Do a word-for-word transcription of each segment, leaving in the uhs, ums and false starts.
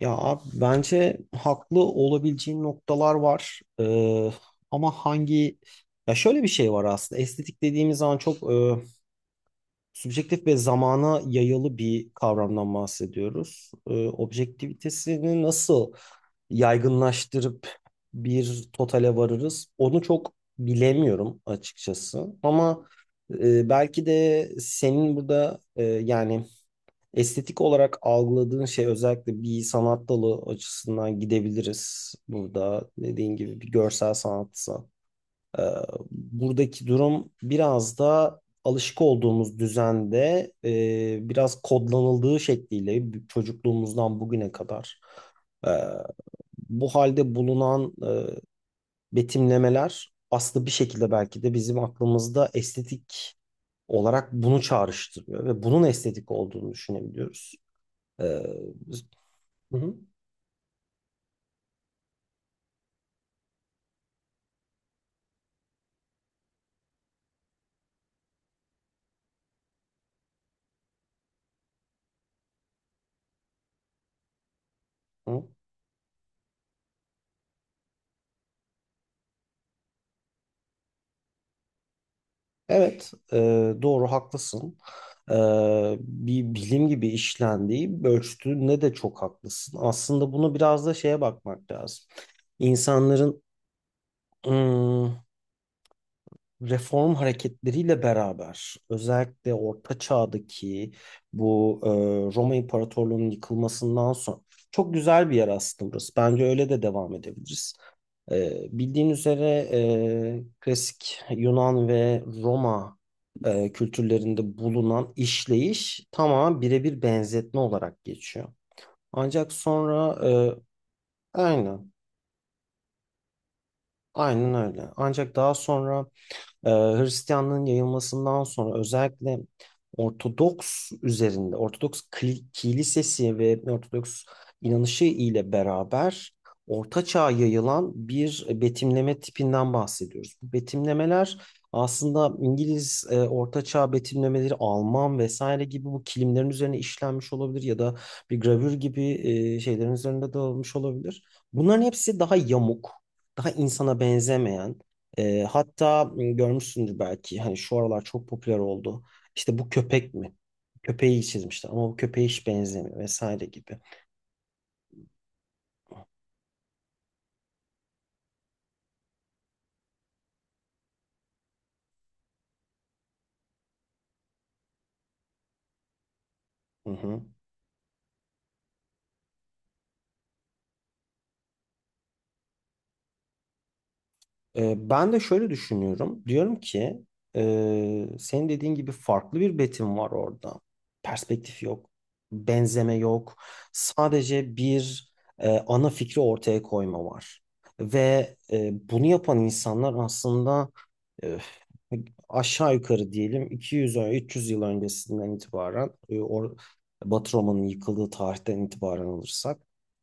Ya abi bence haklı olabileceğin noktalar var. Ee, ama hangi ya şöyle bir şey var aslında. Estetik dediğimiz zaman çok e, subjektif ve zamana yayalı bir kavramdan bahsediyoruz. Ee, objektivitesini nasıl yaygınlaştırıp bir totale varırız? Onu çok bilemiyorum açıkçası. Ama e, belki de senin burada e, yani estetik olarak algıladığın şey özellikle bir sanat dalı açısından gidebiliriz. Burada dediğin gibi bir görsel sanatsa. Ee, Buradaki durum biraz da alışık olduğumuz düzende e, biraz kodlanıldığı şekliyle çocukluğumuzdan bugüne kadar e, bu halde bulunan e, betimlemeler aslında bir şekilde belki de bizim aklımızda estetik olarak bunu çağrıştırıyor ve bunun estetik olduğunu düşünebiliyoruz. Ee, Hı hı. Hı. Evet, e, doğru haklısın. E, Bir bilim gibi işlendiği, ölçtüğünde de çok haklısın. Aslında bunu biraz da şeye bakmak lazım. İnsanların ım, reform hareketleriyle beraber, özellikle Orta Çağ'daki bu e, Roma İmparatorluğu'nun yıkılmasından sonra çok güzel bir yer aslında burası. Bence öyle de devam edebiliriz. Ee, bildiğin üzere e, klasik Yunan ve Roma e, kültürlerinde bulunan işleyiş tamamen birebir benzetme olarak geçiyor. Ancak sonra e, aynen, aynen öyle. Ancak daha sonra e, Hristiyanlığın yayılmasından sonra özellikle Ortodoks üzerinde, Ortodoks kli- kilisesi ve Ortodoks inanışı ile beraber Orta Çağ'a yayılan bir betimleme tipinden bahsediyoruz. Bu betimlemeler aslında İngiliz e, Orta Çağ betimlemeleri, Alman vesaire gibi bu kilimlerin üzerine işlenmiş olabilir ya da bir gravür gibi e, şeylerin üzerinde dağılmış olabilir. Bunların hepsi daha yamuk, daha insana benzemeyen, ee, hatta görmüşsündür belki hani şu aralar çok popüler oldu. İşte bu köpek mi? Köpeği çizmişler ama bu köpeğe hiç benzemiyor vesaire gibi. Hı hı. E, ben de şöyle düşünüyorum. Diyorum ki e, senin dediğin gibi farklı bir betim var orada. Perspektif yok, benzeme yok. Sadece bir e, ana fikri ortaya koyma var. Ve e, bunu yapan insanlar aslında aşağı yukarı diyelim iki yüz ö- üç yüz yıl öncesinden itibaren e, or, Batı Roma'nın yıkıldığı tarihten itibaren alırsak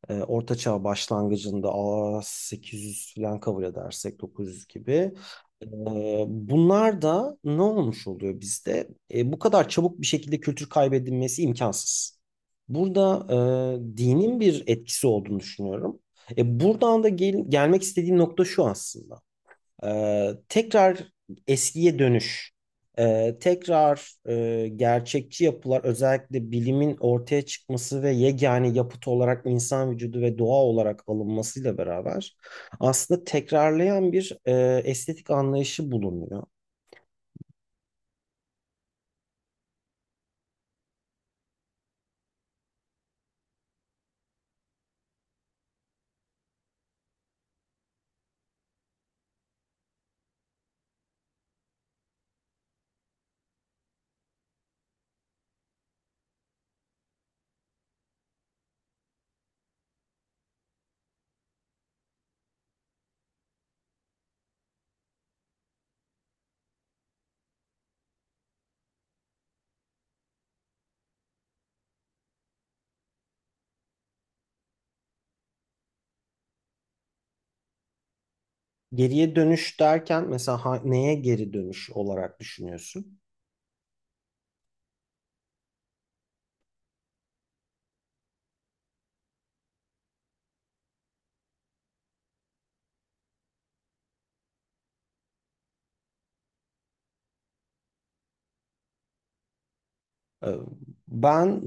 e, Orta Çağ başlangıcında a sekiz yüz falan kabul edersek dokuz yüz gibi e, bunlar da ne olmuş oluyor bizde? E, bu kadar çabuk bir şekilde kültür kaybedilmesi imkansız. Burada e, dinin bir etkisi olduğunu düşünüyorum. E, buradan da gel- gelmek istediğim nokta şu aslında. Ee, tekrar eskiye dönüş, ee, tekrar e, gerçekçi yapılar, özellikle bilimin ortaya çıkması ve yegane yapıt olarak insan vücudu ve doğa olarak alınmasıyla beraber aslında tekrarlayan bir e, estetik anlayışı bulunuyor. Geriye dönüş derken mesela ha- neye geri dönüş olarak düşünüyorsun? Ee, Ben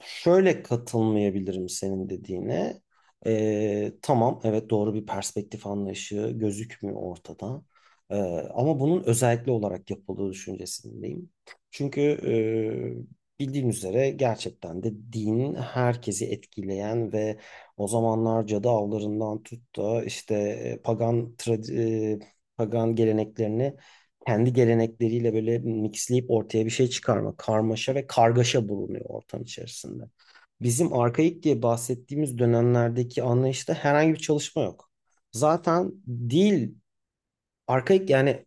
şöyle katılmayabilirim senin dediğine. Ee, tamam, evet doğru bir perspektif anlayışı gözükmüyor ortada. Ee, Ama bunun özellikle olarak yapıldığı düşüncesindeyim. Çünkü e, bildiğin üzere gerçekten de din herkesi etkileyen ve o zamanlar cadı avlarından tut da işte e, pagan trad- e, pagan geleneklerini kendi gelenekleriyle böyle mixleyip ortaya bir şey çıkarma, karmaşa ve kargaşa bulunuyor ortam içerisinde. Bizim arkaik diye bahsettiğimiz dönemlerdeki anlayışta herhangi bir çalışma yok. Zaten dil arkaik yani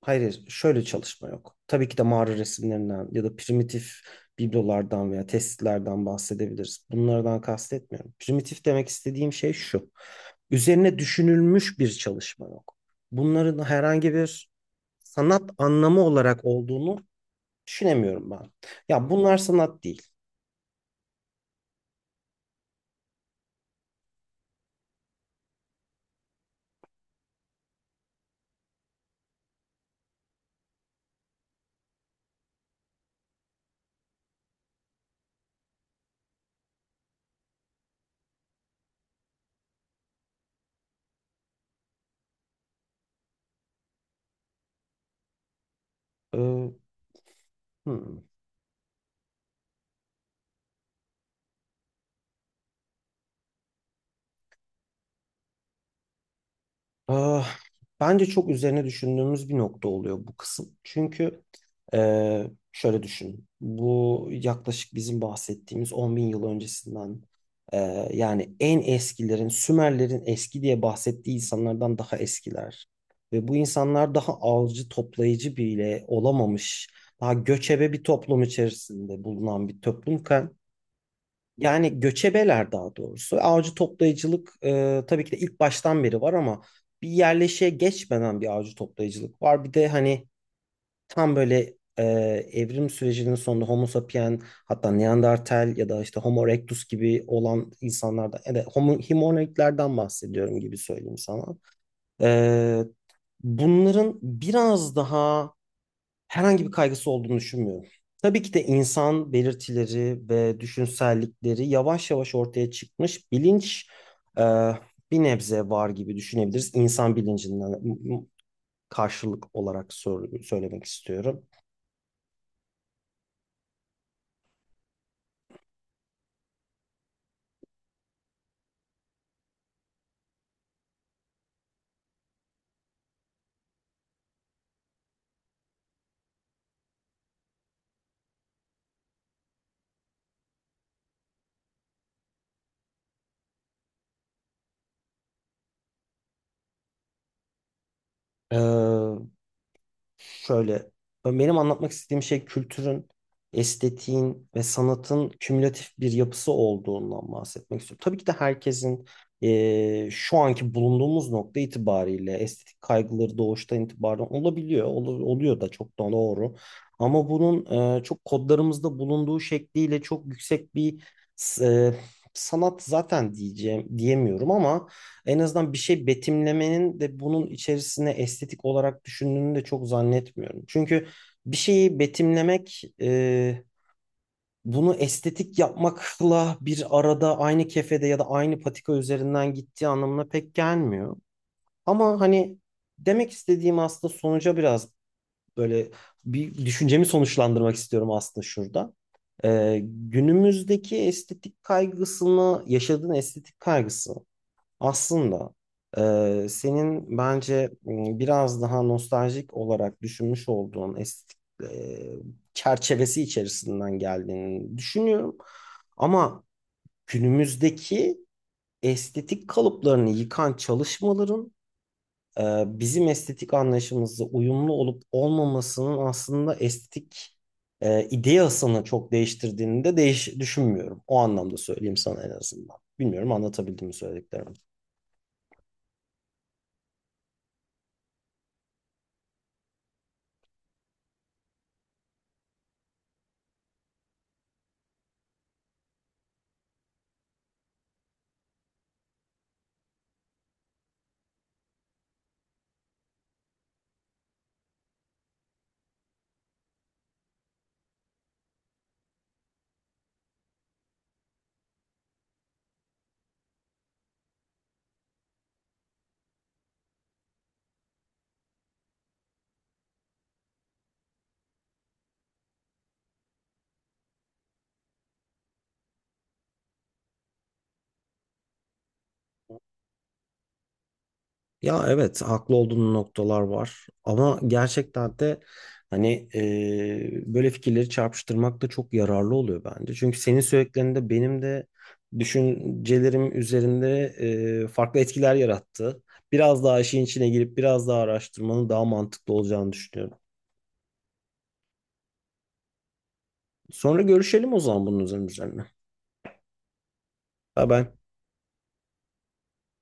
hayır, hayır, şöyle çalışma yok. Tabii ki de mağara resimlerinden ya da primitif biblolardan veya testlerden bahsedebiliriz. Bunlardan kastetmiyorum. Primitif demek istediğim şey şu. Üzerine düşünülmüş bir çalışma yok. Bunların herhangi bir sanat anlamı olarak olduğunu düşünemiyorum ben. Ya bunlar sanat değil. Ee, hmm. Ah, bence çok üzerine düşündüğümüz bir nokta oluyor bu kısım. Çünkü eee, şöyle düşün. Bu yaklaşık bizim bahsettiğimiz on bin yıl öncesinden eee, yani en eskilerin, Sümerlerin eski diye bahsettiği insanlardan daha eskiler. Ve bu insanlar daha avcı toplayıcı bile olamamış, daha göçebe bir toplum içerisinde bulunan bir toplumken yani göçebeler daha doğrusu. Avcı toplayıcılık e, tabii ki de ilk baştan beri var ama bir yerleşe geçmeden bir avcı toplayıcılık var. Bir de hani tam böyle e, evrim sürecinin sonunda Homo sapien hatta Neandertal ya da işte Homo erectus gibi olan insanlardan ya da Homo hominidlerden bahsediyorum gibi söyleyeyim sana. E, Bunların biraz daha herhangi bir kaygısı olduğunu düşünmüyorum. Tabii ki de insan belirtileri ve düşünsellikleri yavaş yavaş ortaya çıkmış bilinç e, bir nebze var gibi düşünebiliriz. İnsan bilincinden karşılık olarak sor- söylemek istiyorum. E, şöyle benim anlatmak istediğim şey kültürün, estetiğin ve sanatın kümülatif bir yapısı olduğundan bahsetmek istiyorum. Tabii ki de herkesin e, şu anki bulunduğumuz nokta itibariyle estetik kaygıları doğuştan itibaren olabiliyor. Olu- oluyor da çok da doğru. Ama bunun e, çok kodlarımızda bulunduğu şekliyle çok yüksek bir s- e, sanat zaten diyeceğim diyemiyorum ama en azından bir şey betimlemenin de bunun içerisine estetik olarak düşündüğünü de çok zannetmiyorum. Çünkü bir şeyi betimlemek e, bunu estetik yapmakla bir arada aynı kefede ya da aynı patika üzerinden gittiği anlamına pek gelmiyor. Ama hani demek istediğim aslında sonuca biraz böyle bir düşüncemi sonuçlandırmak istiyorum aslında şurada. Ee, günümüzdeki estetik kaygısını, yaşadığın estetik kaygısı aslında e, senin bence m, biraz daha nostaljik olarak düşünmüş olduğun estetik e, çerçevesi içerisinden geldiğini düşünüyorum. Ama günümüzdeki estetik kalıplarını yıkan çalışmaların e, bizim estetik anlayışımızla uyumlu olup olmamasının aslında estetik e, ideasını çok değiştirdiğini de değiş düşünmüyorum. O anlamda söyleyeyim sana en azından. Bilmiyorum anlatabildim mi söylediklerimi. Ya evet haklı olduğun noktalar var ama gerçekten de hani e, böyle fikirleri çarpıştırmak da çok yararlı oluyor bence. Çünkü senin söylediklerinde benim de düşüncelerim üzerinde e, farklı etkiler yarattı. Biraz daha işin içine girip biraz daha araştırmanın daha mantıklı olacağını düşünüyorum. Sonra görüşelim o zaman bunun üzerine. üzerine. Bye bye.